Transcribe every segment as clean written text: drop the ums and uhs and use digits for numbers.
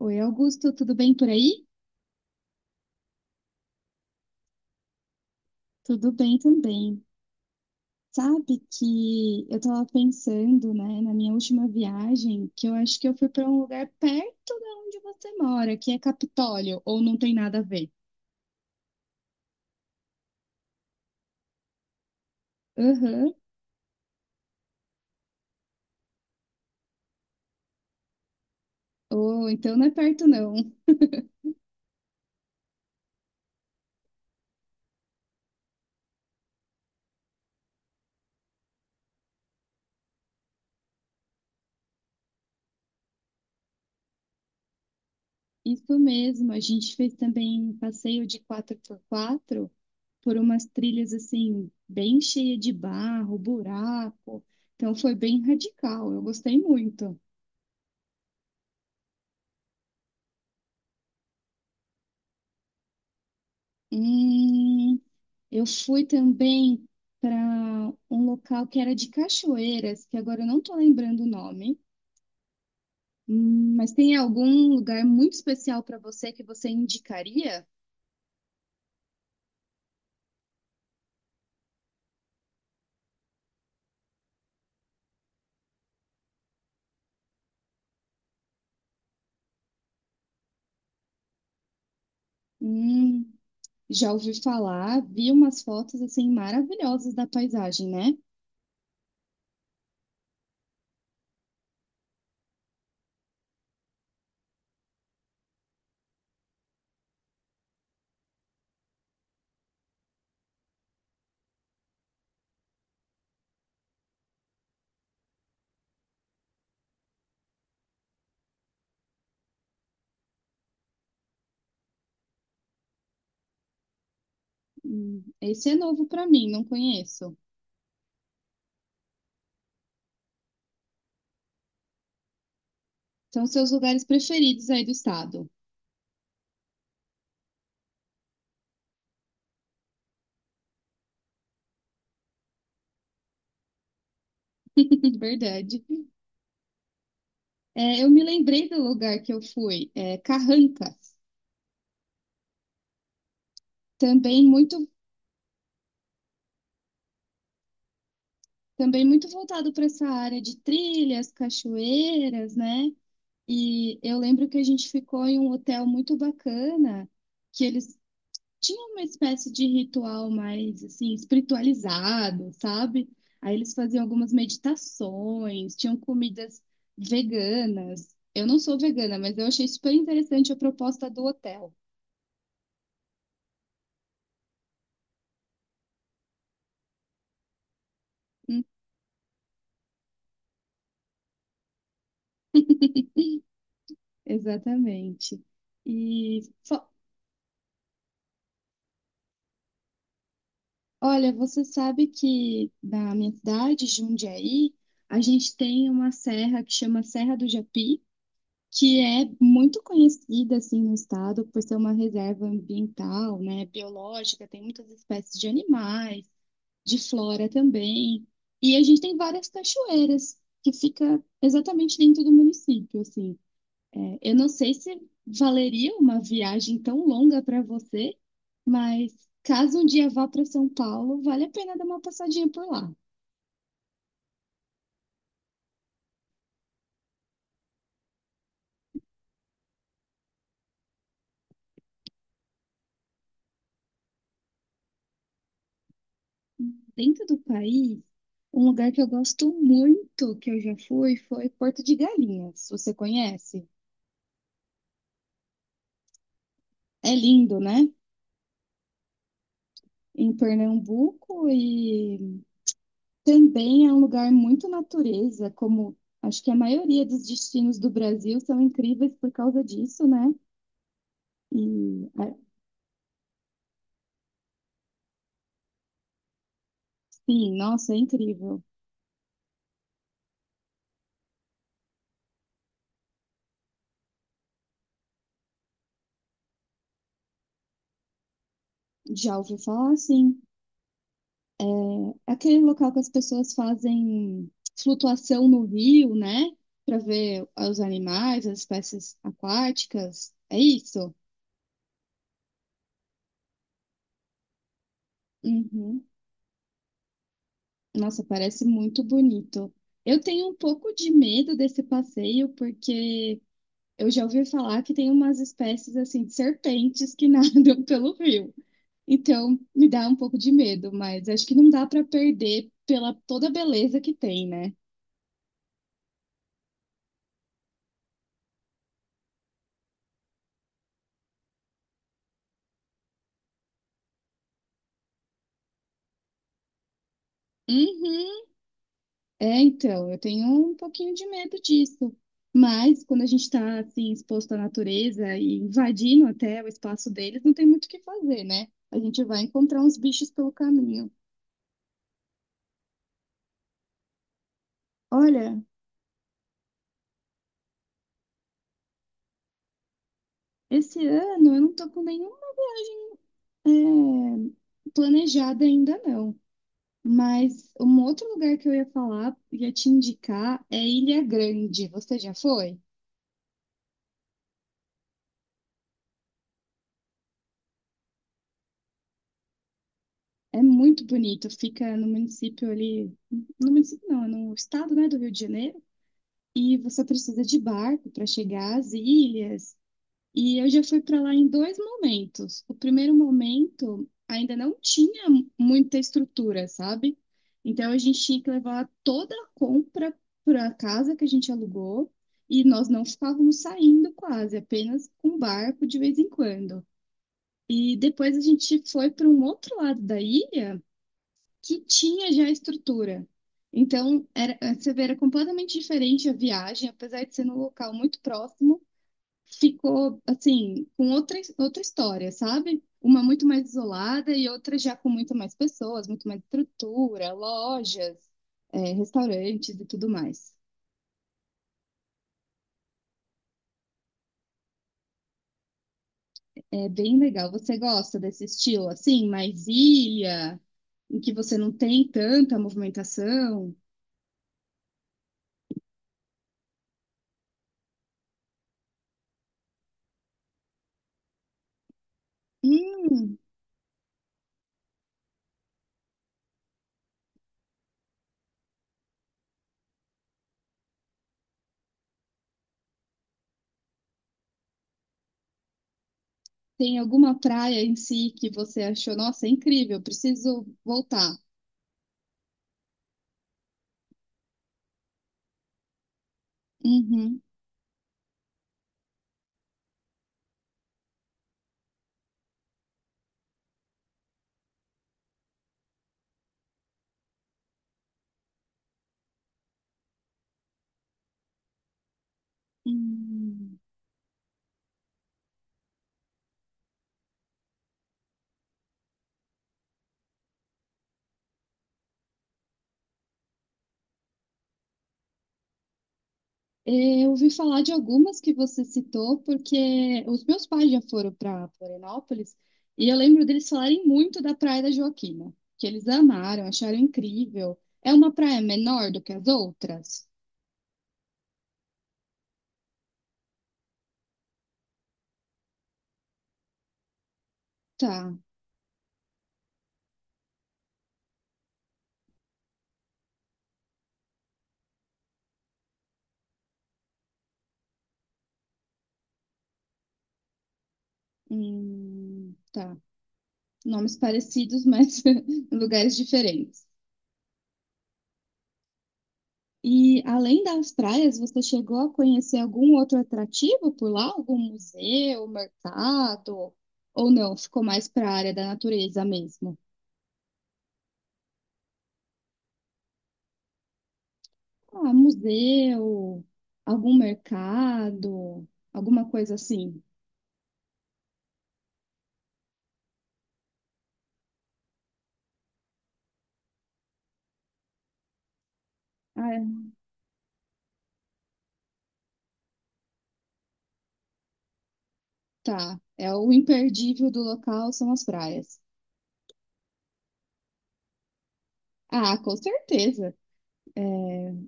Oi, Augusto, tudo bem por aí? Tudo bem também. Sabe que eu tava pensando, né, na minha última viagem, que eu acho que eu fui para um lugar perto da onde você mora, que é Capitólio, ou não tem nada a ver? Aham. Ou então não é perto não. Isso mesmo, a gente fez também um passeio de 4x4 por umas trilhas assim, bem cheia de barro, buraco. Então foi bem radical, eu gostei muito. Hum, eu fui também para um local que era de cachoeiras, que agora eu não estou lembrando o nome. Mas tem algum lugar muito especial para você que você indicaria? Hum, Já ouvi falar, vi umas fotos assim maravilhosas da paisagem, né? Esse é novo para mim, não conheço. São seus lugares preferidos aí do estado. Verdade. Eu me lembrei do lugar que eu fui, Carrancas. Também muito voltado para essa área de trilhas, cachoeiras, né? E eu lembro que a gente ficou em um hotel muito bacana, que eles tinham uma espécie de ritual mais assim espiritualizado, sabe? Aí eles faziam algumas meditações, tinham comidas veganas. Eu não sou vegana, mas eu achei super interessante a proposta do hotel. Hum, exatamente. E fo- Olha, você sabe que na minha cidade, Jundiaí, a gente tem uma serra que chama Serra do Japi, que é muito conhecida assim no estado por ser uma reserva ambiental, né, biológica, tem muitas espécies de animais, de flora também. E a gente tem várias cachoeiras que fica exatamente dentro do município, assim. Eu não sei se valeria uma viagem tão longa para você, mas caso um dia vá para São Paulo, vale a pena dar uma passadinha por lá. Dentro do país, um lugar que eu gosto muito, que eu já fui, foi Porto de Galinhas. Você conhece? É lindo, né? Em Pernambuco e também é um lugar muito natureza, como acho que a maioria dos destinos do Brasil são incríveis por causa disso, né? E é, sim, nossa, é incrível. Já ouvi falar assim. É aquele local que as pessoas fazem flutuação no rio, né? Para ver os animais, as espécies aquáticas. É isso? Uhum. Nossa, parece muito bonito. Eu tenho um pouco de medo desse passeio, porque eu já ouvi falar que tem umas espécies assim de serpentes que nadam pelo rio. Então, me dá um pouco de medo, mas acho que não dá para perder pela toda a beleza que tem, né? Uhum. Então, eu tenho um pouquinho de medo disso. Mas quando a gente está assim exposto à natureza e invadindo até o espaço deles, não tem muito o que fazer, né? A gente vai encontrar uns bichos pelo caminho. Olha, esse ano eu não tô com nenhum é, planejado ainda não. Mas um outro lugar que eu ia falar, ia te indicar, é Ilha Grande. Você já foi? É muito bonito, fica no município ali, no município não, é no estado, né, do Rio de Janeiro. E você precisa de barco para chegar às ilhas. E eu já fui para lá em dois momentos. O primeiro momento ainda não tinha muita estrutura, sabe? Então a gente tinha que levar toda a compra para a casa que a gente alugou e nós não ficávamos saindo quase, apenas com barco de vez em quando. E depois a gente foi para um outro lado da ilha que tinha já estrutura. Então, era, você vê, era completamente diferente a viagem, apesar de ser num local muito próximo, ficou, assim, com outra, outra história, sabe? Uma muito mais isolada e outra já com muito mais pessoas, muito mais estrutura, lojas, é, restaurantes e tudo mais. É bem legal. Você gosta desse estilo, assim, mais ilha, em que você não tem tanta movimentação? Hum, Tem alguma praia em si que você achou, nossa, é incrível, preciso voltar? Uhum. Hum. Eu ouvi falar de algumas que você citou, porque os meus pais já foram para Florianópolis e eu lembro deles falarem muito da Praia da Joaquina, que eles amaram, acharam incrível. É uma praia menor do que as outras? Tá, tá. Nomes parecidos, mas lugares diferentes. E além das praias, você chegou a conhecer algum outro atrativo por lá? Algum museu, mercado? Ou não? Ficou mais para a área da natureza mesmo? Ah, museu, algum mercado, alguma coisa assim. Ah, é. Tá. É o imperdível do local são as praias. Ah, com certeza. É,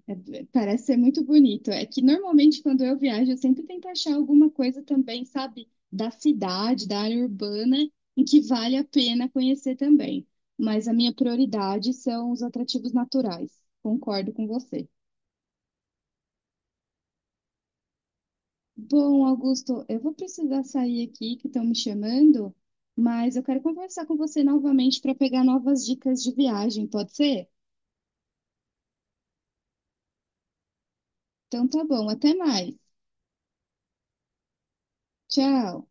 É, Parece ser muito bonito. É que normalmente quando eu viajo, eu sempre tento achar alguma coisa também, sabe, da cidade, da área urbana, em que vale a pena conhecer também. Mas a minha prioridade são os atrativos naturais. Concordo com você. Bom, Augusto, eu vou precisar sair aqui, que estão me chamando, mas eu quero conversar com você novamente para pegar novas dicas de viagem, pode ser? Então tá bom, até mais. Tchau.